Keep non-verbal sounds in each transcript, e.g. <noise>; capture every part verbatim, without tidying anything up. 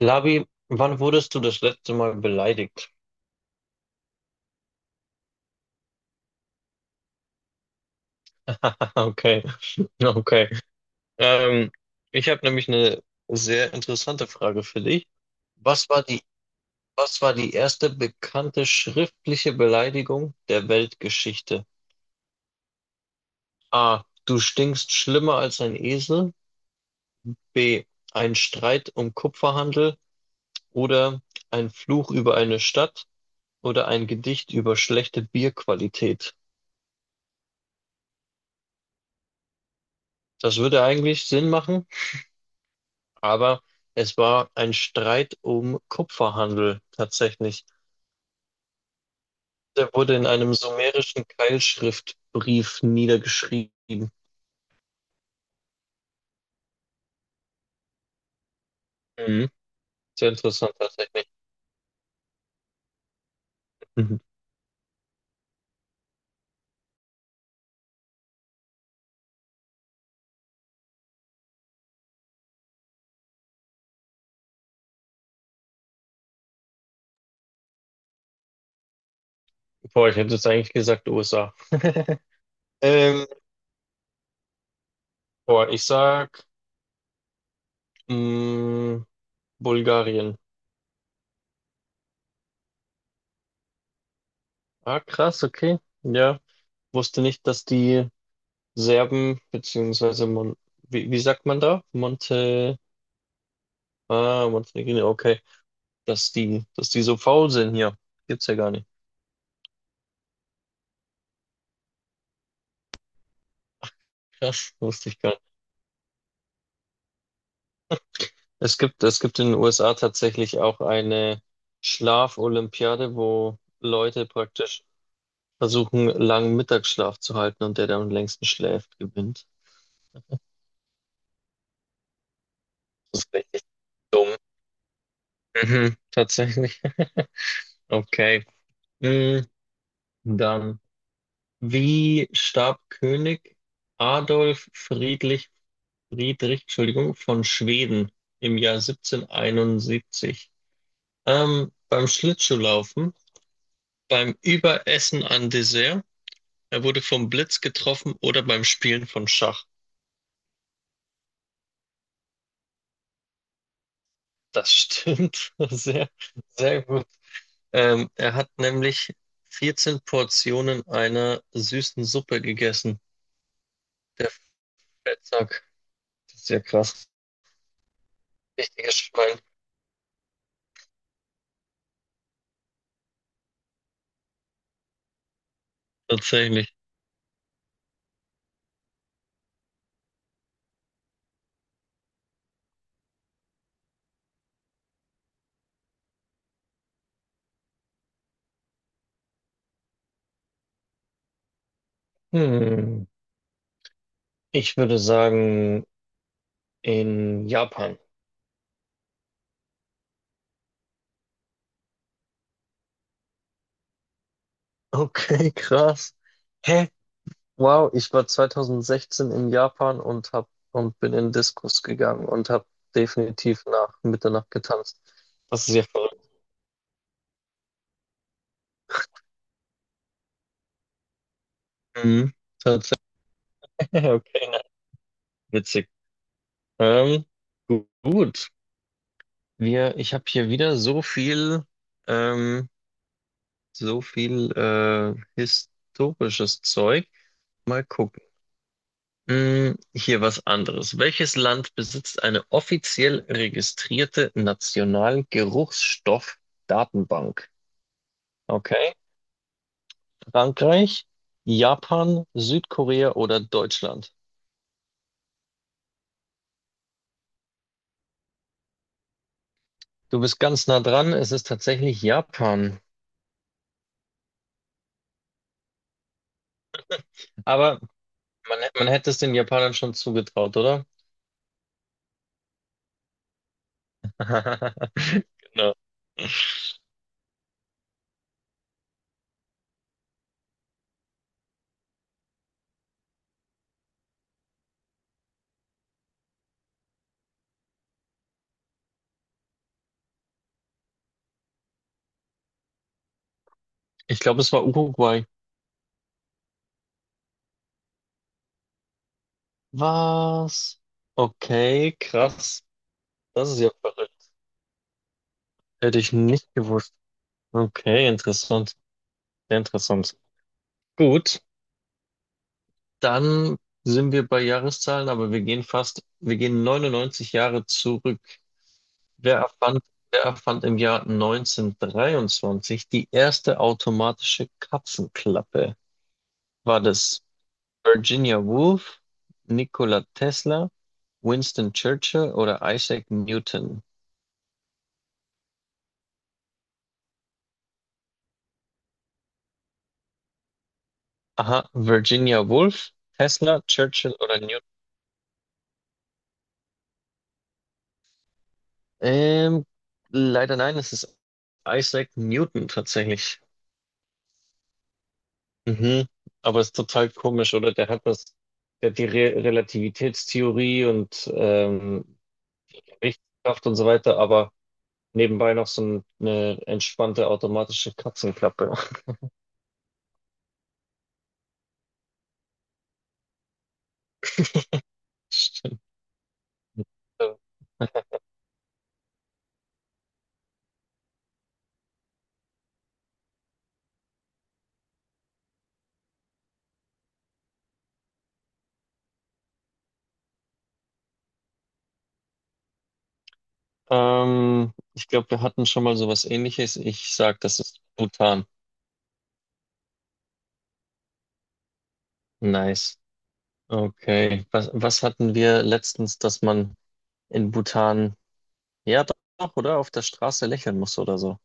Labi, wann wurdest du das letzte Mal beleidigt? <laughs> Okay, okay. Ähm, ich habe nämlich eine sehr interessante Frage für dich. Was war die, was war die erste bekannte schriftliche Beleidigung der Weltgeschichte? A. Du stinkst schlimmer als ein Esel. B. Ein Streit um Kupferhandel oder ein Fluch über eine Stadt oder ein Gedicht über schlechte Bierqualität. Das würde eigentlich Sinn machen. Aber es war ein Streit um Kupferhandel tatsächlich. Der wurde in einem sumerischen Keilschriftbrief niedergeschrieben. Mhm. Sehr interessant tatsächlich. Mhm. Boah, ich hätte jetzt eigentlich gesagt U S A. <laughs> Ähm, boah, ich sag mh, Bulgarien. Ah, krass, okay. Ja, wusste nicht, dass die Serben, beziehungsweise Mon wie, wie sagt man da? Monte, ah, Montenegrin, okay. dass die, dass die so faul sind hier. Gibt's ja gar nicht. Krass, wusste ich gar nicht. Es gibt, es gibt in den U S A tatsächlich auch eine Schlafolympiade, wo Leute praktisch versuchen, langen Mittagsschlaf zu halten und der, der am längsten schläft, gewinnt. Das ist richtig dumm. Mhm, tatsächlich. <laughs> Okay. Mm, dann, wie starb König Adolf Friedrich, Friedrich, Entschuldigung, von Schweden im Jahr siebzehnhunderteinundsiebzig? Ähm, beim Schlittschuhlaufen, beim Überessen an Dessert, er wurde vom Blitz getroffen oder beim Spielen von Schach. Das stimmt. <laughs> Sehr, sehr gut. Ähm, er hat nämlich vierzehn Portionen einer süßen Suppe gegessen. Der Fettsack. Das ist ja krass. Richtiges Schwein. Tatsächlich. Hm. Ich würde sagen, in Japan. Okay, krass. Hä? Wow, ich war zwanzig sechzehn in Japan und hab und bin in Discos gegangen und habe definitiv nach Mitternacht getanzt. Das ist ja verrückt. Mhm. Tatsächlich. <laughs> Okay, na, witzig. Ähm, gu- gut. Wir, ich habe hier wieder so viel, ähm, so viel äh, historisches Zeug. Mal gucken. Hm, hier was anderes. Welches Land besitzt eine offiziell registrierte National-Geruchsstoff-Datenbank? Okay. Frankreich, Japan, Südkorea oder Deutschland? Du bist ganz nah dran, es ist tatsächlich Japan. Aber man, man hätte es den Japanern schon zugetraut, oder? <laughs> Genau. Ich glaube, es war Uruguay. Was? Okay, krass. Das ist ja verrückt. Hätte ich nicht gewusst. Okay, interessant. Sehr interessant. Gut, dann sind wir bei Jahreszahlen, aber wir gehen fast, wir gehen neunundneunzig Jahre zurück. Wer erfand, wer erfand im Jahr neunzehnhundertdreiundzwanzig die erste automatische Katzenklappe? War das Virginia Woolf, Nikola Tesla, Winston Churchill oder Isaac Newton? Aha, Virginia Woolf, Tesla, Churchill oder Newton? Ähm, leider nein, es ist Isaac Newton tatsächlich. Mhm. Aber es ist total komisch, oder? Der hat das, der hat die Re Relativitätstheorie und ähm, Richtkraft und so weiter, aber nebenbei noch so eine entspannte automatische Katzenklappe. <laughs> Stimmt. Ähm, ich glaube, wir hatten schon mal sowas Ähnliches. Ich sag, das ist Bhutan. Nice. Okay. Was, was hatten wir letztens, dass man in Bhutan, ja doch, oder auf der Straße lächeln muss oder so?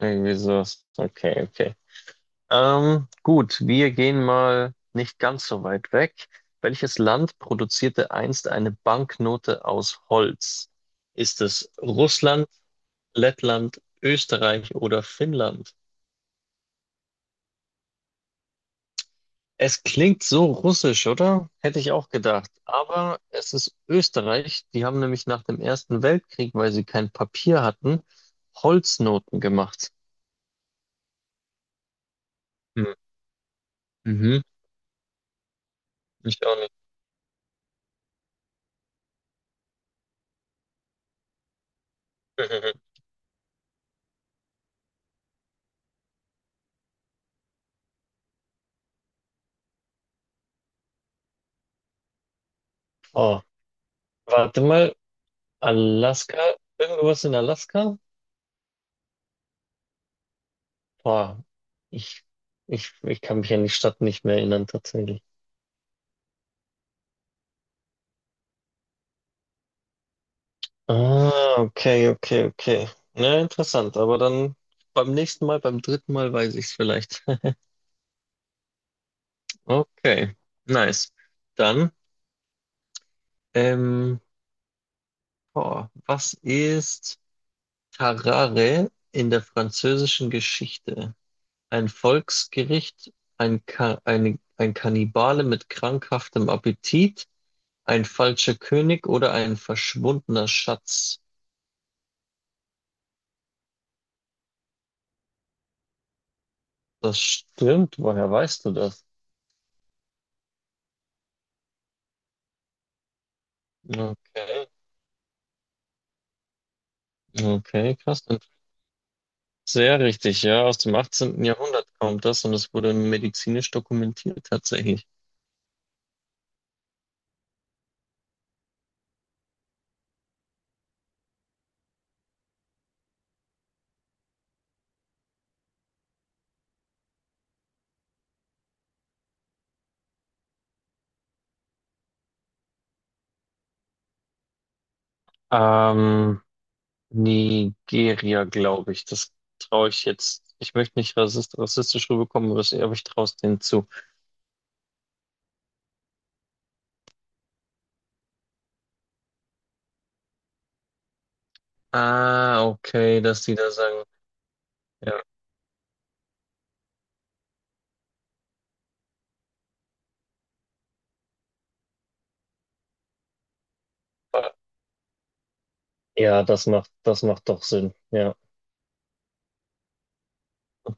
Irgendwie sowas. Okay, okay. Ähm, gut, wir gehen mal nicht ganz so weit weg. Welches Land produzierte einst eine Banknote aus Holz? Ist es Russland, Lettland, Österreich oder Finnland? Es klingt so russisch, oder? Hätte ich auch gedacht. Aber es ist Österreich. Die haben nämlich nach dem Ersten Weltkrieg, weil sie kein Papier hatten, Holznoten gemacht. Hm. Mhm. Ich auch nicht. <laughs> Oh, warte mal. Alaska? Irgendwas in Alaska? Boah, ich, ich, ich kann mich an die Stadt nicht mehr erinnern, tatsächlich. Ah, okay, okay, okay. Na, interessant, aber dann beim nächsten Mal, beim dritten Mal weiß ich es vielleicht. <laughs> Okay, nice. Dann, ähm, boah, was ist Tarare in der französischen Geschichte? Ein Volksgericht, ein, Ka eine, ein Kannibale mit krankhaftem Appetit, ein falscher König oder ein verschwundener Schatz? Das stimmt. Woher weißt du das? Okay, okay, krass. Und sehr richtig, ja. Aus dem achtzehnten. Jahrhundert kommt das und es wurde medizinisch dokumentiert tatsächlich. Ähm, Nigeria, glaube ich. Das traue ich jetzt. Ich möchte nicht rassist, rassistisch rüberkommen, aber das- aber ich traue es denen zu. Ah, okay, dass die da sagen. Ja, ja, das macht, das macht doch Sinn. Ja.